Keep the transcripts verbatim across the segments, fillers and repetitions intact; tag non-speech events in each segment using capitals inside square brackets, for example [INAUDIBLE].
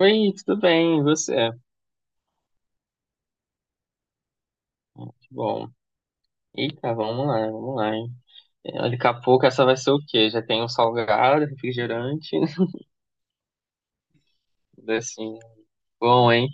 Oi, tudo bem? E você? Que bom! Eita, vamos lá, vamos lá, hein? É, olha, daqui a pouco essa vai ser o quê? Já tem um salgado, refrigerante, [LAUGHS] tudo assim, né? Bom, hein?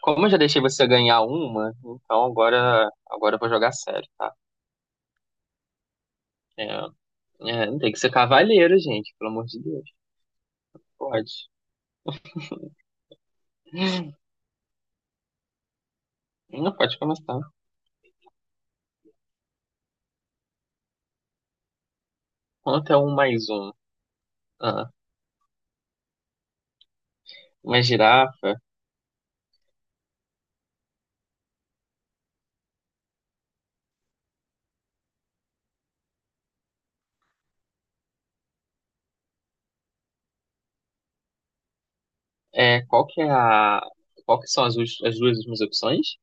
Como eu já deixei você ganhar uma, então agora, agora eu vou jogar sério, tá? É, é, tem que ser cavaleiro, gente, pelo amor de Deus. Pode. [LAUGHS] Não pode começar. Quanto é um mais um? Ah, uma girafa. É, qual que é a. Qual que são as, us- as duas últimas opções?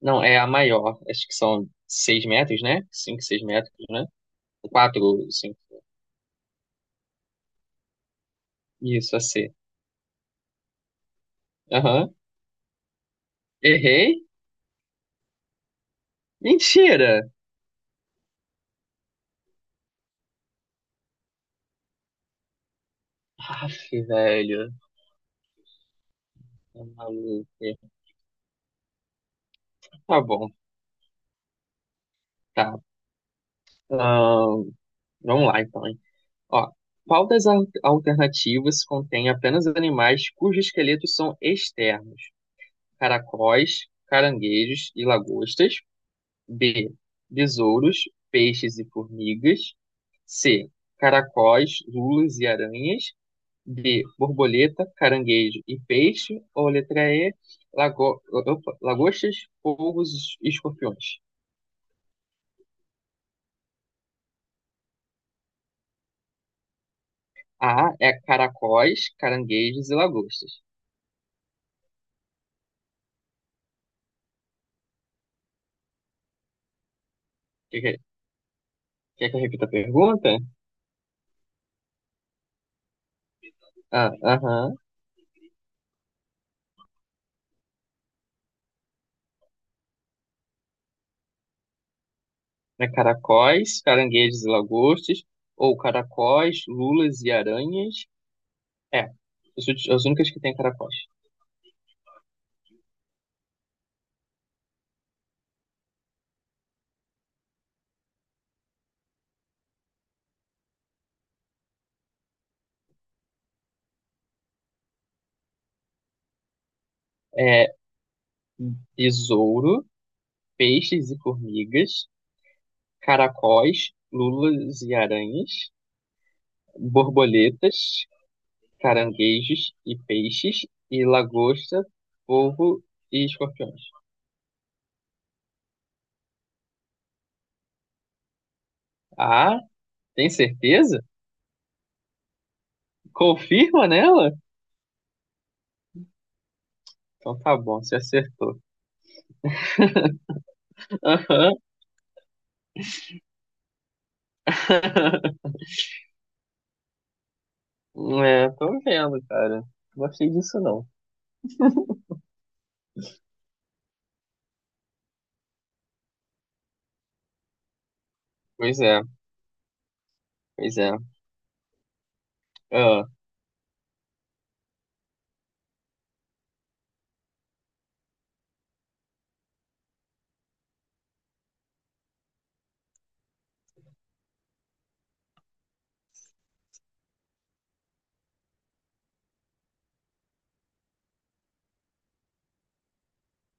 Não, é a maior. Acho que são seis metros, né? Cinco, seis metros, né? Quatro, cinco, isso, a C. Aham. Errei? Mentira! Aff, velho. Tá maluco. Tá bom, tá. Ahn, vamos lá, então, hein? Ó, qual das al- alternativas contém apenas animais cujos esqueletos são externos? Caracóis, caranguejos e lagostas. B. Besouros, peixes e formigas. C. Caracóis, lulas e aranhas. D. Borboleta, caranguejo e peixe. Ou letra E. Lago... opa, lagostas, polvos e escorpiões. A. É caracóis, caranguejos e lagostas. Quer que, quer que eu repita a pergunta? Ah, aham. É caracóis, caranguejos e lagostas. Ou caracóis, lulas e aranhas. É. As últi- as únicas que tem é caracóis. É besouro, peixes e formigas. Caracóis, lulas e aranhas, borboletas, caranguejos e peixes, e lagosta, polvo e escorpiões. Ah, tem certeza? Confirma nela? Então tá bom, você acertou. Aham. [LAUGHS] É, tô vendo, cara. Não gostei disso, não. Pois é, pois é. Ah,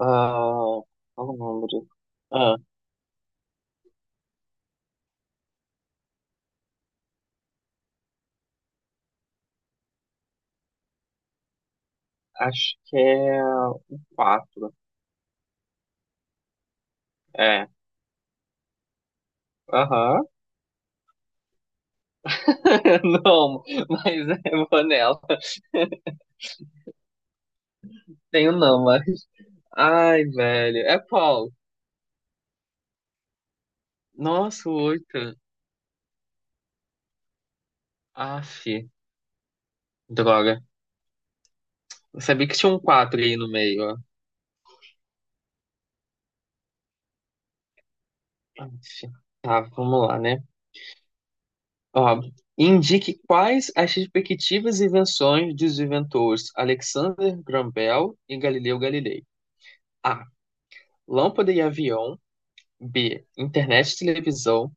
ah, qual o número? Ah, acho que é o quatro. É. Aham. [LAUGHS] Não, mas é Vanella. Tenho não, mas. Ai, velho. É qual. Nossa, o oito. Aff, droga. Eu sabia que tinha um quatro aí no meio, ó. Aff. Tá, vamos lá, né? Ó, indique quais as respectivas invenções dos inventores Alexander Graham Bell e Galileu Galilei. A. Lâmpada e avião. B. Internet e televisão.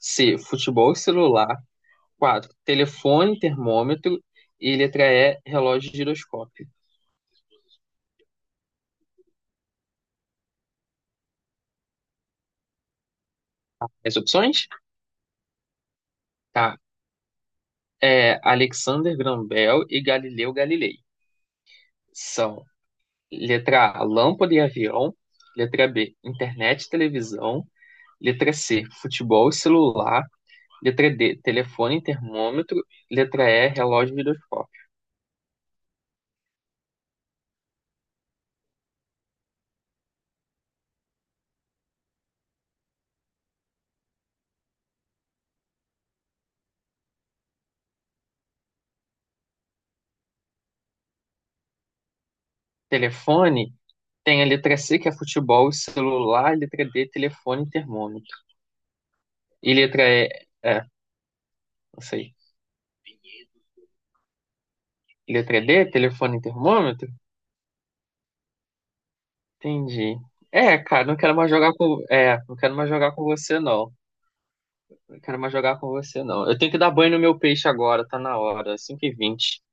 C. Futebol e celular. Quatro, telefone, termômetro e letra E, relógio e giroscópio. As opções? Tá. É Alexander Graham Bell e Galileu Galilei. São letra A, lâmpada e avião. Letra B, internet e televisão. Letra C, futebol e celular. Letra D, telefone e termômetro. Letra E, relógio e giroscópio. Telefone tem a letra C, que é futebol e celular. Letra D, telefone e termômetro. E letra E, é, não sei. Letra D, telefone e termômetro? Entendi. É, cara, não quero mais jogar com. É, não quero mais jogar com você, não. Não quero mais jogar com você, não. Eu tenho que dar banho no meu peixe agora, tá na hora, cinco e vinte e vinte.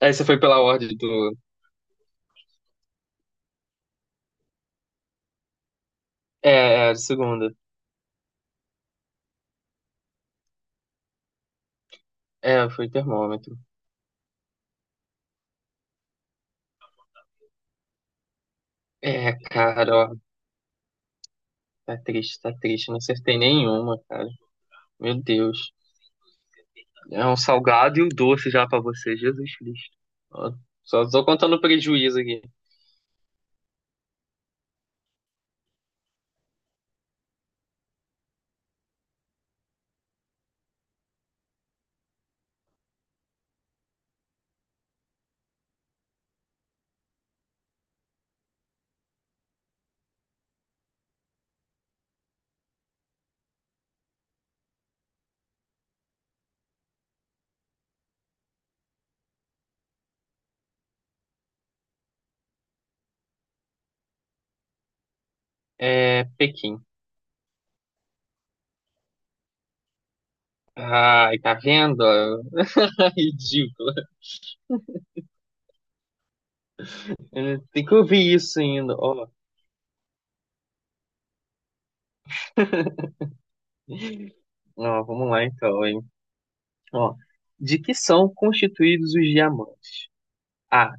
Essa foi pela ordem do. É, é, segunda. É, foi termômetro. É, cara, ó, tá triste, tá triste. Não acertei nenhuma, cara. Meu Deus. É um salgado e um doce já pra você, Jesus Cristo. Ó, só tô contando prejuízo aqui. É, Pequim. Ai, tá vendo? [LAUGHS] Ridículo. Eh, tem que ouvir isso ainda. Ó, não, vamos lá então, hein? Ó, de que são constituídos os diamantes? A.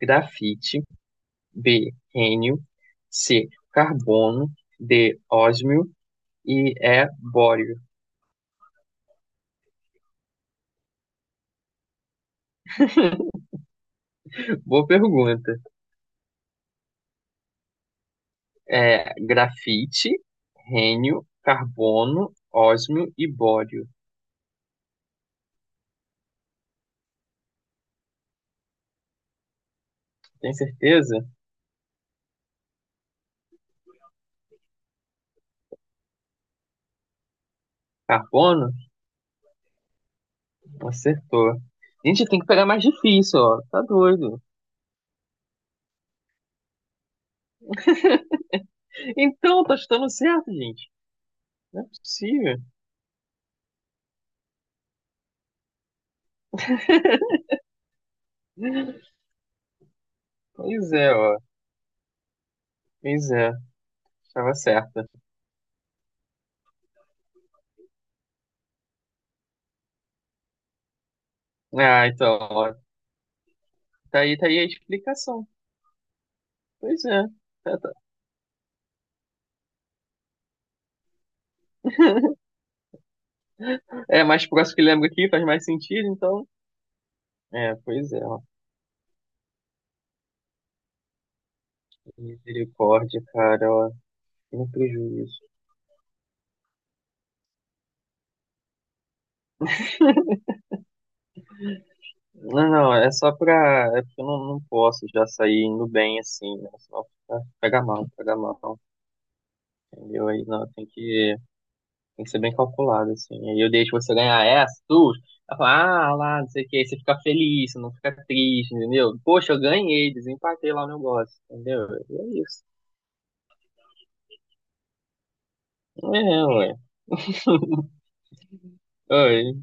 Grafite. B. Rênio. C. Carbono. D. Ósmio. E E. Bório. [LAUGHS] Boa pergunta. É, grafite, rênio, carbono, ósmio e bório. Tem certeza? Carbono? Acertou. Gente, tem que pegar mais difícil, ó. Tá doido. Então, tá chutando certo, gente. Não é possível. Pois é, ó. Pois é. Estava certa. Ah, então, ó. Tá aí, tá aí a explicação. Pois é. Tá, tá. É mais próximo que lembro aqui, faz mais sentido, então. É, pois é, ó. Misericórdia, cara, ó. Que prejuízo. Não, não, é só pra. É porque eu não, não posso já sair indo bem assim, né? Senão fica- pega mal, pega mal, entendeu? Aí não, tem que. Tem que ser bem calculado, assim. Aí eu deixo você ganhar essa, duas. Ela fala, ah, lá, não sei o que. Aí você fica feliz, você não fica triste, entendeu? Poxa, eu ganhei, desempatei lá o negócio, entendeu? E é isso. É, ué. Oi,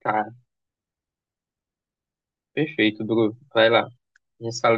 tá. Perfeito, Bru. Vai lá. A gente se fala